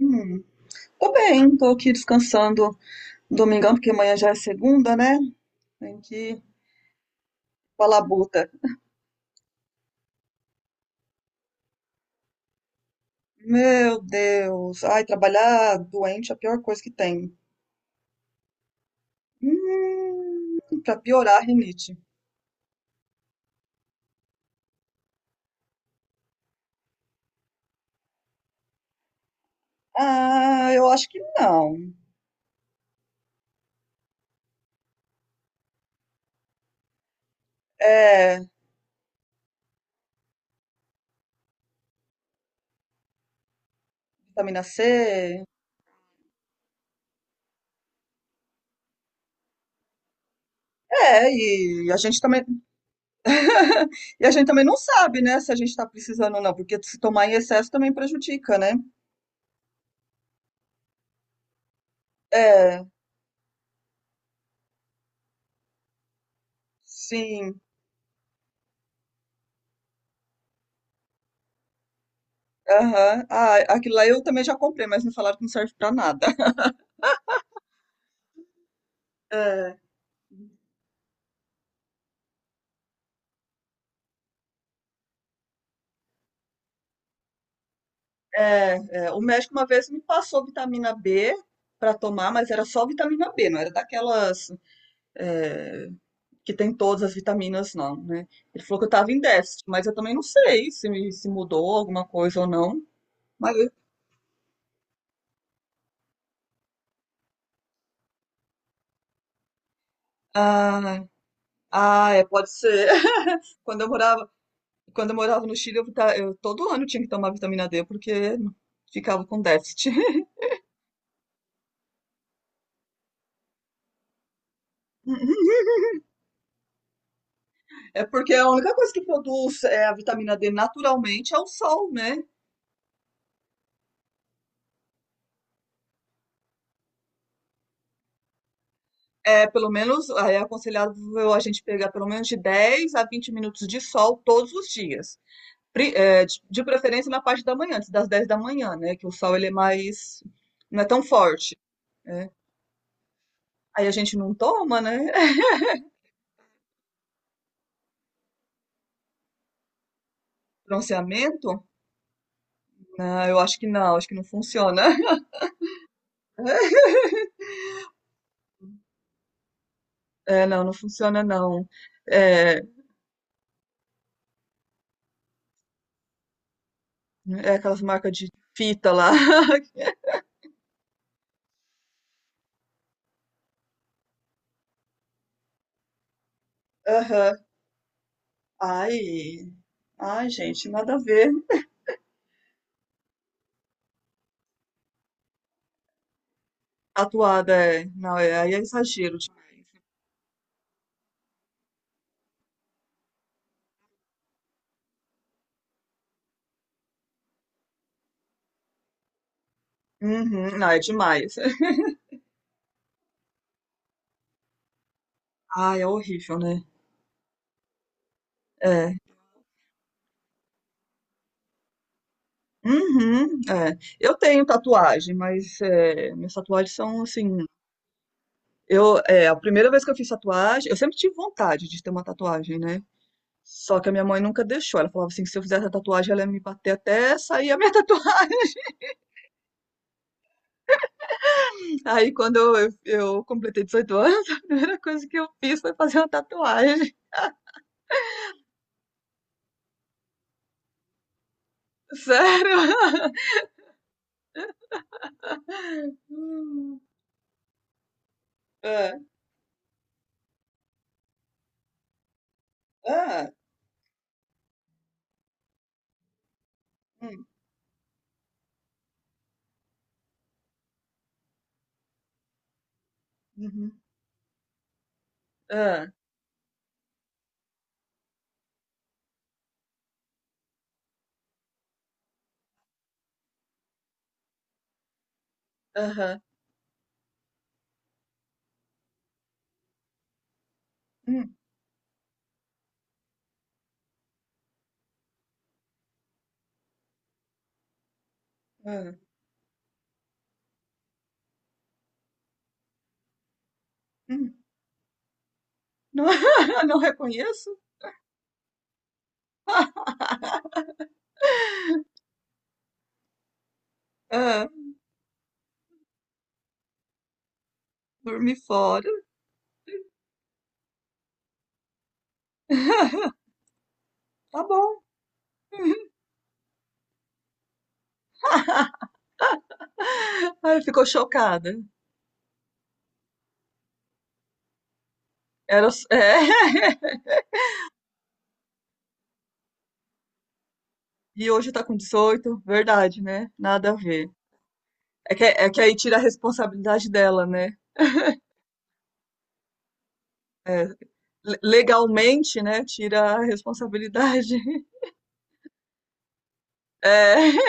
Hum. Tô bem, tô aqui descansando domingão, porque amanhã já é segunda, né? Tem que falar buta. Meu Deus, ai, trabalhar doente é a pior coisa que tem. Pra piorar a rinite. Ah, eu acho que não. É, vitamina C. É, e a gente também. E a gente também não sabe, né, se a gente tá precisando ou não, porque se tomar em excesso também prejudica, né? É, sim. Aham. Ah, aquilo lá eu também já comprei, mas me falaram que não serve pra nada. É, é, é. O médico uma vez me passou vitamina B para tomar, mas era só vitamina B, não era daquelas é, que tem todas as vitaminas, não, né? Ele falou que eu tava em déficit, mas eu também não sei se, me- se mudou alguma coisa ou não. Mas, ah, ah, é, pode ser. Quando eu morava, quando eu morava no Chile, eu, vita- eu todo ano tinha que tomar vitamina D, porque ficava com déficit. É porque a única coisa que produz a vitamina D naturalmente é o sol, né? É, pelo menos é aconselhável a gente pegar pelo menos de 10 a 20 minutos de sol todos os dias. Pri- é, de preferência na parte da manhã, antes das 10 da manhã, né? Que o sol ele é mais, não é tão forte. Né? Aí a gente não toma, né? Bronzeamento? Não, eu acho que não funciona. É, não, não funciona não. É, é aquelas marcas de fita lá. Aham. Ai, ai, gente, nada a ver. Atuada é. Não, é, aí é exagero demais. Uhum, não, é demais. Ai, é horrível, né? É. Uhum, é. Eu tenho tatuagem, mas é, minhas tatuagens são assim. Eu, é, a primeira vez que eu fiz tatuagem, eu sempre tive vontade de ter uma tatuagem, né? Só que a minha mãe nunca deixou. Ela falava assim, que se eu fizesse a tatuagem, ela ia me bater até sair a minha tatuagem. Aí quando eu, eu completei 18 anos, a primeira coisa que eu fiz foi fazer uma tatuagem. Sério? Hum. Ah. Ah. Hum, uhum, hã, aham, hum, hã, hum. Não não reconheço. Hã, dormi fora. Tá bom. Ai, ficou chocada. Era é, e hoje tá com 18 verdade, né, nada a ver. É que aí tira a responsabilidade dela, né. É, le legalmente, né, tira a responsabilidade. É.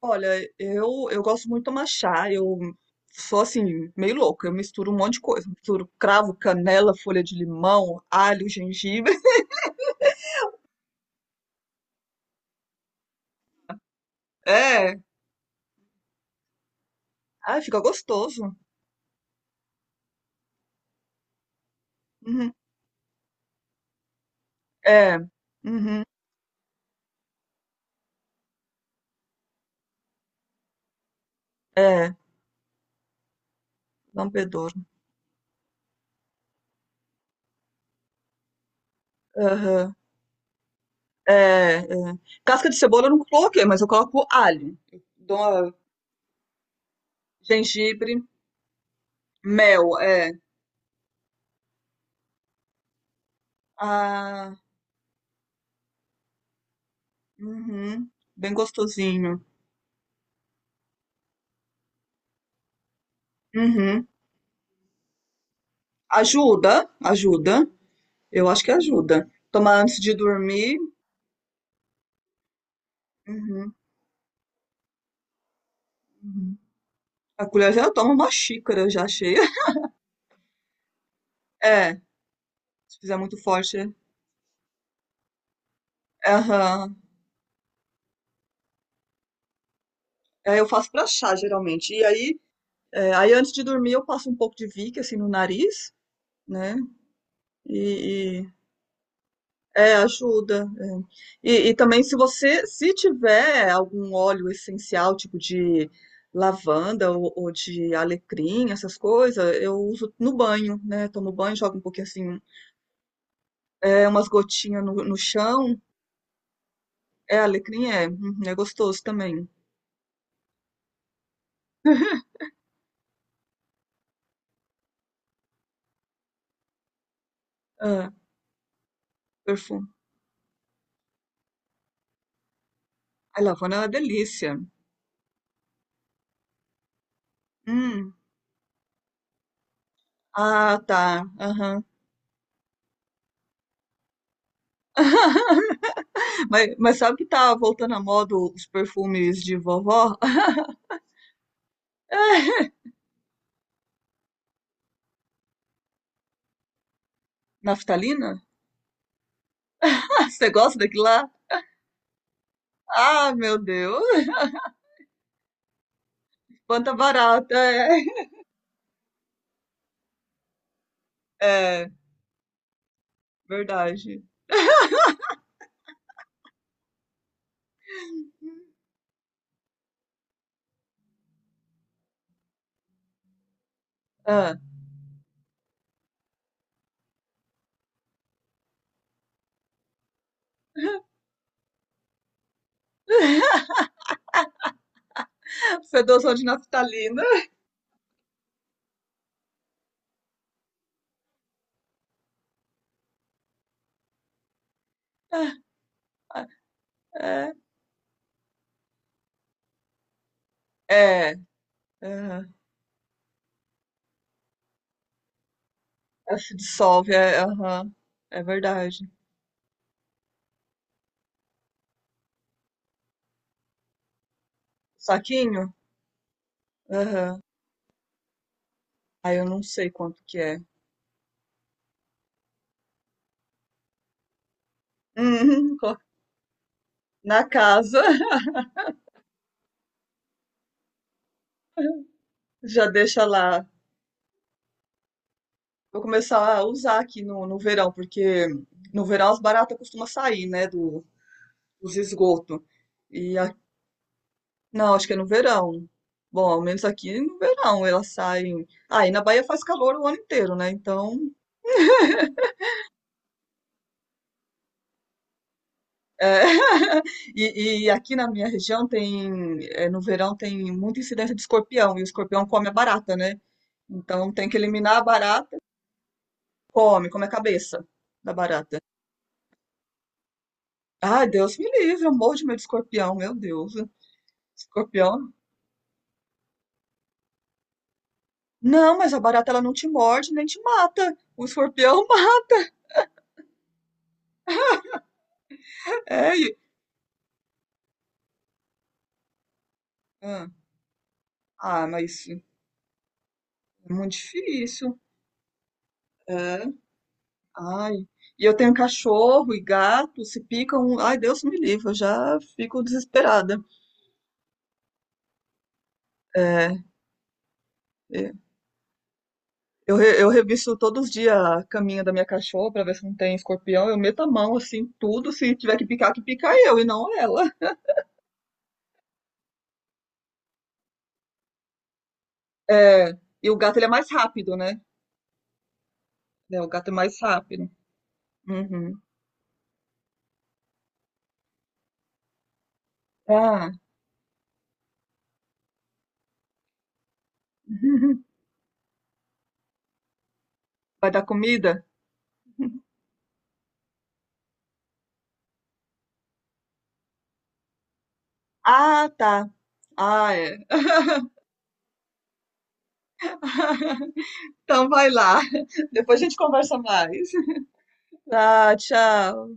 Olha, eu gosto muito de tomar chá, eu sou assim, meio louca, eu misturo um monte de coisa. Misturo cravo, canela, folha de limão, alho, gengibre. É, ai, fica gostoso. Uhum. É, uhum. É, dá um bedouro. Aham. É, é. Casca de cebola eu não coloquei, mas eu coloco alho. Eu dou uma- gengibre, mel, é. Ah, uhum. Bem gostosinho. Uhum. Ajuda, ajuda. Eu acho que ajuda. Tomar antes de dormir. Uhum, uhum. A colher já toma uma xícara já cheia. É, se fizer muito forte. É. Aham. É, eu faço pra chá, geralmente. E aí, é, aí antes de dormir, eu passo um pouco de Vick, assim, no nariz, né? E- é, ajuda. É. E, e também, se você, se tiver algum óleo essencial, tipo de lavanda ou de alecrim, essas coisas, eu uso no banho, né? Tomo banho, jogo um pouquinho assim, é umas gotinhas no, no chão. É alecrim, é. Uhum, é gostoso também. Ah, perfume. Ai, lavanda é uma delícia. Hum. Ah, tá. Aham. Mas sabe que tá voltando à moda os perfumes de vovó? Naftalina? Você gosta daquilo lá? Ah, meu Deus. Quanta barata. É, é verdade. Ah, fedoção de naftalina. É, é. Aham. Se dissolve, é, aham. É verdade. Saquinho? Aham. Ah, eu não sei quanto que é. Uhum, co- na casa, já deixa lá. Vou começar a usar aqui no, no verão, porque no verão as baratas costumam sair, né, do, dos esgotos. E a- não, acho que é no verão. Bom, ao menos aqui no verão elas saem. Ah, e na Bahia faz calor o ano inteiro, né? Então, é, e aqui na minha região tem, é, no verão tem muita incidência de escorpião, e o escorpião come a barata, né? Então tem que eliminar a barata. Come, come a cabeça da barata. Ai, Deus me livre, eu morro de medo de escorpião, meu Deus. Escorpião? Não, mas a barata ela não te morde nem te mata. O escorpião mata. É. E- ah, ah, mas é muito difícil. É. Ai. E eu tenho cachorro e gato, se picam. Ai, Deus me livre, eu já fico desesperada. É. É. Eu, re- eu revisto todos os dias a caminha da minha cachorra pra ver se não tem escorpião. Eu meto a mão assim, tudo. Se tiver que picar, que pica eu e não ela. É, e o gato ele é mais rápido, né? É, o gato é mais rápido. Uhum. Ah, vai dar comida? Ah, tá. Ah, é. Então vai lá. Depois a gente conversa mais. Ah, tchau.